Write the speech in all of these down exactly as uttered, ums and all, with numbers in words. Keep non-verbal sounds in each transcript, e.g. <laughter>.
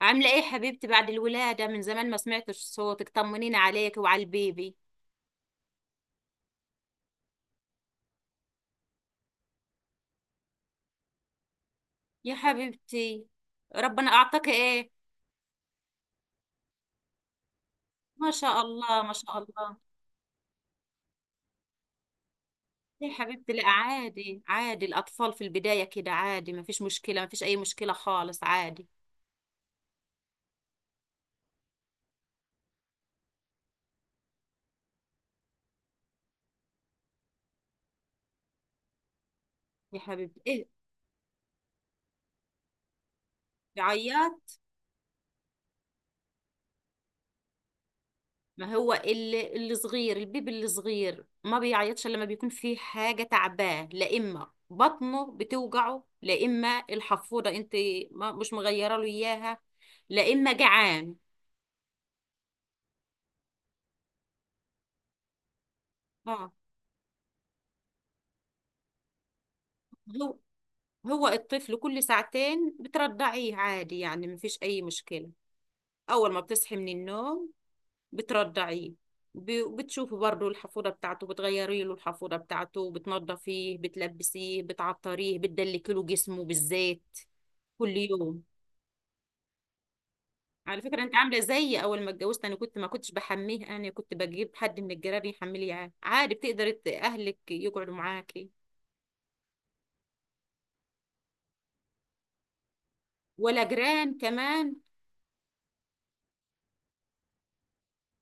عاملة ايه حبيبتي بعد الولادة؟ من زمان ما سمعتش صوتك، طمنيني عليك وعلى البيبي. يا حبيبتي، ربنا اعطاك ايه؟ ما شاء الله، ما شاء الله. يا حبيبتي، لا عادي، عادي، الاطفال في البداية كده، عادي، ما فيش مشكلة، ما فيش اي مشكلة خالص، عادي. يا حبيبتي ايه؟ بيعيط. ما هو اللي الصغير، البيبي الصغير ما بيعيطش الا لما بيكون فيه حاجه تعباه، لا اما بطنه بتوجعه، لا اما الحفوضه انت ما مش مغيره له اياها، لا اما جعان. اه، هو هو الطفل كل ساعتين بترضعيه عادي، يعني ما فيش اي مشكله. اول ما بتصحي من النوم بترضعيه، ب- بتشوفي برضه الحفوضه بتاعته، بتغيري له الحفوضه بتاعته، بتنضفيه، بتلبسيه، بتعطريه، بتدلكي له جسمه بالزيت كل يوم. على فكرة انت عاملة زيي، اول ما اتجوزت انا كنت ما كنتش بحميه، انا كنت بجيب حد من الجيران يحملي، يعني عادي، بتقدر ت- اهلك يقعدوا معاكي. ولا جيران كمان؟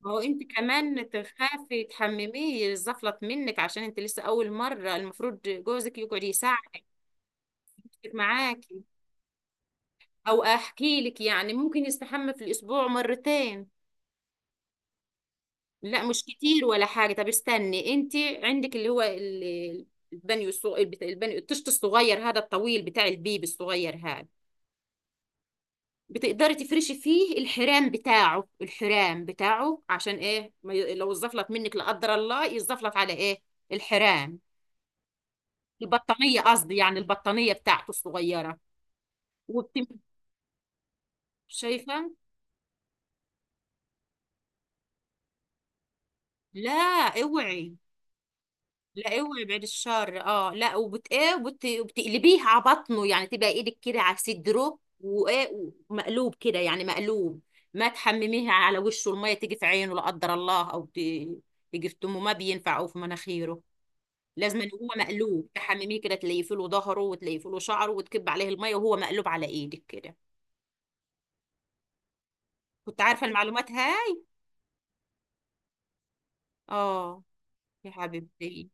ما هو انت كمان تخافي تحمميه يزفلط منك، عشان انت لسه اول مرة، المفروض جوزك يقعد يساعدك معاكي. او احكي لك، يعني ممكن يستحمى في الاسبوع مرتين. لا مش كتير ولا حاجة. طب استني انت، عندك اللي هو ال- البانيو الصغ... البت- البانيو الطشت الصغير هذا الطويل بتاع البيبي الصغير هذا، بتقدري تفرشي فيه الحرام بتاعه، الحرام بتاعه عشان ايه، ما ي... لو الزفلت منك لا قدر الله، يزفلت على ايه؟ الحرام. البطانية قصدي، يعني البطانية بتاعته الصغيرة. وبتم شايفة؟ لا اوعي، لا اوعي، بعد الشر، اه لا، وبت ايه وبت... وبتقلبيه على بطنه، يعني تبقى ايدك كده على صدره وايه، ومقلوب كده، يعني مقلوب، ما تحمميها على وشه، الميه تيجي في عينه لا قدر الله، او ت... تيجي في تمه، ما بينفع، او في مناخيره. لازم إن هو مقلوب تحمميه كده، تليفي له ظهره وتليفي له شعره وتكب عليه الميه وهو مقلوب على ايدك كده. كنت عارفه المعلومات هاي؟ اه، يا حبيبتي،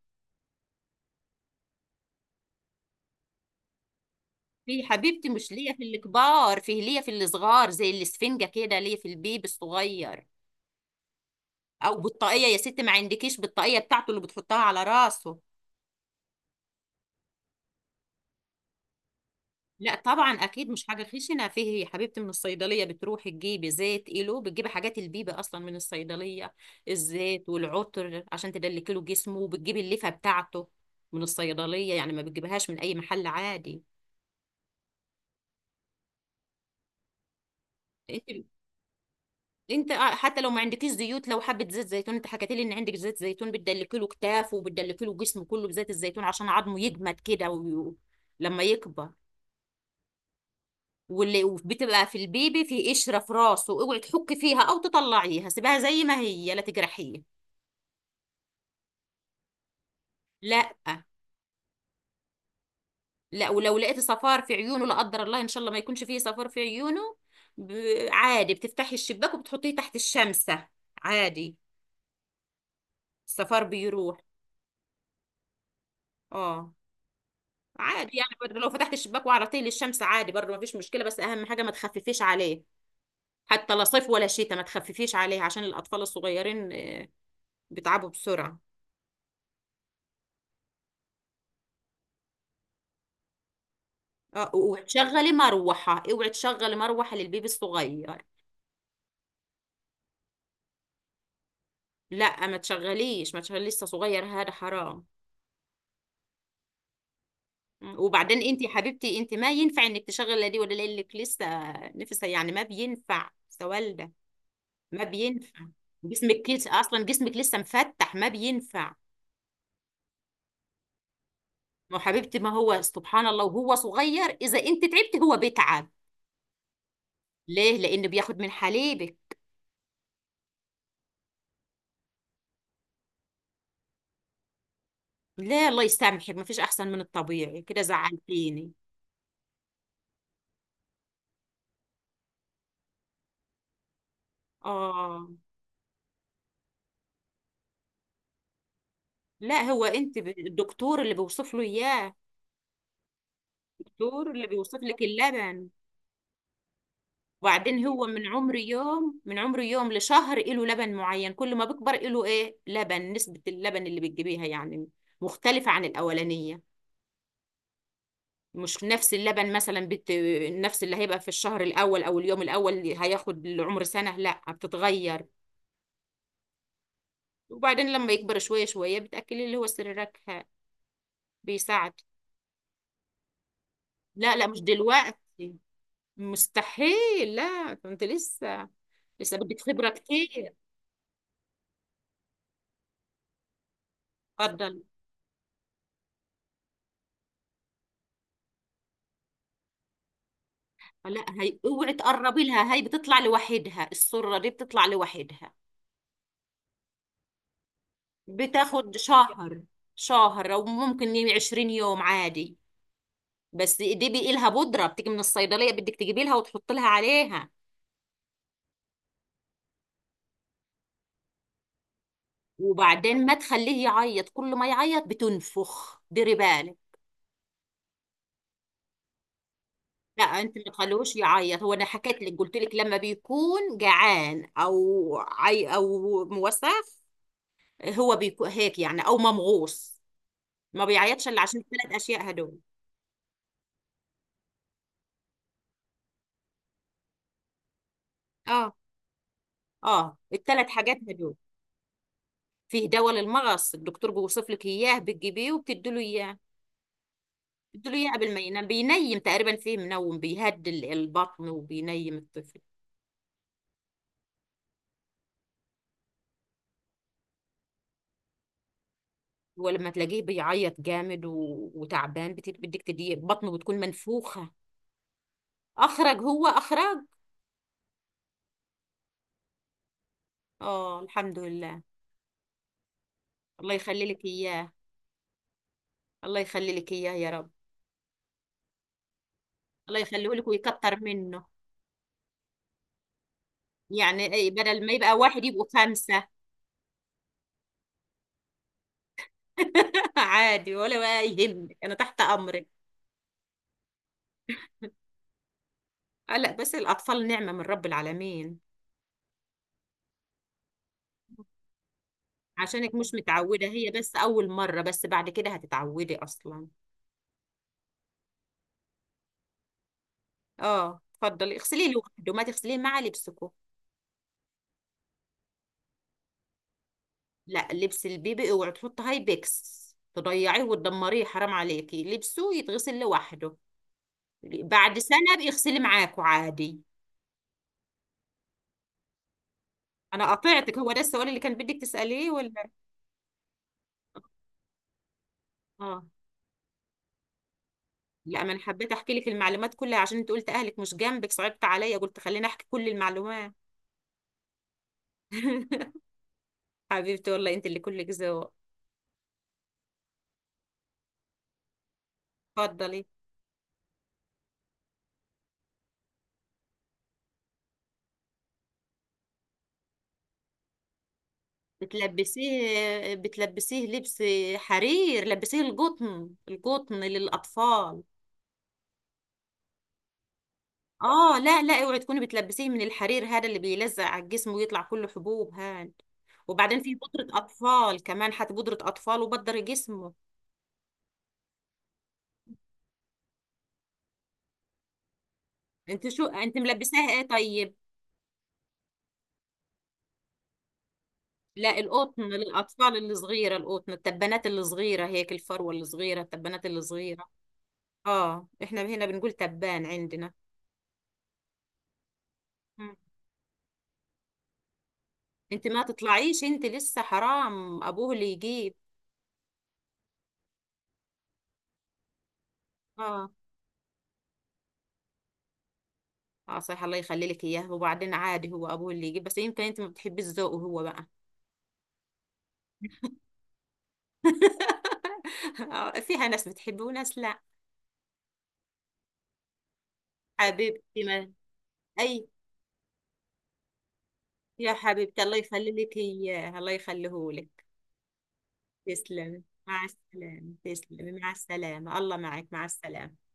في حبيبتي، مش ليا في الكبار، فيه ليا في الصغار زي الاسفنجة كده، ليا في البيبي الصغير، او بطاقية يا ستي، ما عندكيش بطاقية بتاعته اللي بتحطها على راسه؟ لا طبعا، اكيد مش حاجة خشنة فيه يا حبيبتي، من الصيدلية بتروحي تجيبي زيت ايلو، بتجيبي حاجات البيبي اصلا من الصيدلية، الزيت والعطر عشان تدلكي له جسمه، وبتجيبي اللفة بتاعته من الصيدلية، يعني ما بتجيبهاش من اي محل عادي. انت انت آه، حتى لو ما عندكيش زيوت، لو حبه زيت زيتون، انت حكيت لي ان عندك زيت زيتون، بتدلكي له كتافه وبتدلكي له جسمه كله بزيت الزيتون عشان عظمه يجمد كده و... لما يكبر. واللي بتبقى في البيبي في قشره في راسه، اوعي تحكي فيها او تطلعيها، سيبها زي ما هي، لا تجرحيه. لا لا، ولو لقيتي صفار في عيونه لا قدر الله، ان شاء الله ما يكونش فيه صفار في عيونه، ب... عادي بتفتحي الشباك وبتحطيه تحت الشمسه، عادي، الصفار بيروح. اه، عادي يعني برضه، لو فتحت الشباك وعرضتيه للشمس عادي برضه ما فيش مشكله، بس اهم حاجه ما تخففيش عليه، حتى لا صيف ولا شتاء، ما تخففيش عليه عشان الاطفال الصغيرين آه، بيتعبوا بسرعه. اه، وتشغلي مروحه، اوعي تشغلي مروحه للبيبي الصغير. لا ما تشغليش، ما تشغليش، لسه صغير، هذا حرام. مم. وبعدين انت يا حبيبتي، انت ما ينفع انك تشغلي لا دي ولا لك لسه، نفسها يعني، ما بينفع، لسه والده، ما بينفع، جسمك لسه، اصلا جسمك لسه مفتح، ما بينفع. ما هو حبيبتي، ما هو سبحان الله وهو صغير، إذا أنت تعبت هو بيتعب. ليه؟ لأنه بياخد من حليبك. لا، الله يسامحك، ما فيش أحسن من الطبيعي، كده زعلتيني. آه، لا هو أنت ب- الدكتور اللي بيوصف له إياه، الدكتور اللي بيوصف لك اللبن. وبعدين هو من عمر يوم، من عمر يوم لشهر إله لبن معين، كل ما بيكبر إله إيه، لبن، نسبة اللبن اللي بتجيبيها يعني مختلفة عن الأولانية، مش نفس اللبن، مثلا بت... نفس اللي هيبقى في الشهر الاول او اليوم الاول اللي هياخد العمر سنه، لا بتتغير. وبعدين لما يكبر شويه شويه، بتاكلي اللي هو سريرك، بيساعد. لا لا، مش دلوقتي، مستحيل، لا ده انت لسه، لسه بدك خبره كتير. اتفضل. لا هي اوعي تقربي لها، هي بتطلع لوحدها، السره دي بتطلع لوحدها، بتاخد شهر، شهر او ممكن عشرين يوم، عادي، بس دي بيقي لها بودره بتيجي من الصيدليه، بدك تجيبي لها وتحط لها عليها. وبعدين ما تخليه يعيط، كل ما يعيط بتنفخ، ديري بالك. لا انت ما تخليهوش يعيط، هو انا حكيت لك، قلت لك لما بيكون جعان او عي او موسخ، هو بيكون هيك يعني، او ممغوص، ما بيعيطش الا عشان الثلاث اشياء هدول. اه، اه، الثلاث حاجات هدول، فيه دواء للمغص، الدكتور بيوصف لك اياه، بتجيبيه وبتدي له اياه، قلت له يعمل ما ينام، بينيم تقريبا، فيه منوم بيهدي ال- البطن وبينيم الطفل. ولما تلاقيه بيعيط جامد و... وتعبان، بت- بدك تديه، بطنه بتكون منفوخة، أخرج هو؟ أخرج؟ آه، الحمد لله، الله يخلي لك إياه، الله يخلي لك إياه يا رب. الله يخليه لك ويكتر منه. يعني إيه، بدل ما يبقى واحد يبقوا خمسة. <laughs> عادي، ولا بقى يهمك، أنا تحت أمرك. آه، لا بس الأطفال نعمة من رب العالمين. عشانك مش متعودة، هي بس أول مرة، بس بعد كده هتتعودي أصلا. اه، اتفضلي، اغسليه لوحده، ما تغسليه مع لبسكو. لا لبس البيبي اوعي تحطي هاي بيكس، تضيعيه وتدمريه، حرام عليكي، لبسه يتغسل لوحده، بعد سنة بيغسلي معاكوا عادي. أنا قطعتك، هو ده السؤال اللي كان بدك تسأليه ولا؟ اه، لا ما أنا حبيت أحكي لك المعلومات كلها، عشان أنت قلت أهلك مش جنبك، صعبت عليا، قلت خليني أحكي كل المعلومات. <laughs> حبيبتي والله أنت اللي كلك ذوق. اتفضلي. بتلبسيه بتلبسيه لبس حرير؟ لبسيه القطن، القطن للأطفال. اه لا لا، اوعي تكوني بتلبسيه من الحرير هذا اللي بيلزق على الجسم ويطلع كله حبوب هاد. وبعدين في بودرة أطفال كمان، حتى بودرة أطفال وبدر جسمه. انت شو انت ملبساها ايه طيب؟ لا القطن للأطفال اللي صغيرة، القطن، التبانات اللي صغيرة هيك، الفروة اللي صغيرة، التبانات اللي صغيرة. اه، احنا هنا بنقول تبان عندنا. انت ما تطلعيش، انت لسه حرام، ابوه اللي يجيب. اه اه صحيح، الله يخلي لك اياه، وبعدين عادي، هو ابوه اللي يجيب، بس يمكن انت ما بتحبيش ذوقه هو بقى. <laughs> آه، فيها ناس بتحبه وناس لا. حبيبتي، ما اي، يا حبيبتي، الله يخلي لك اياه، الله يخليه لك. تسلمي مع السلامة، تسلمي مع السلامة، الله معك، مع السلامة.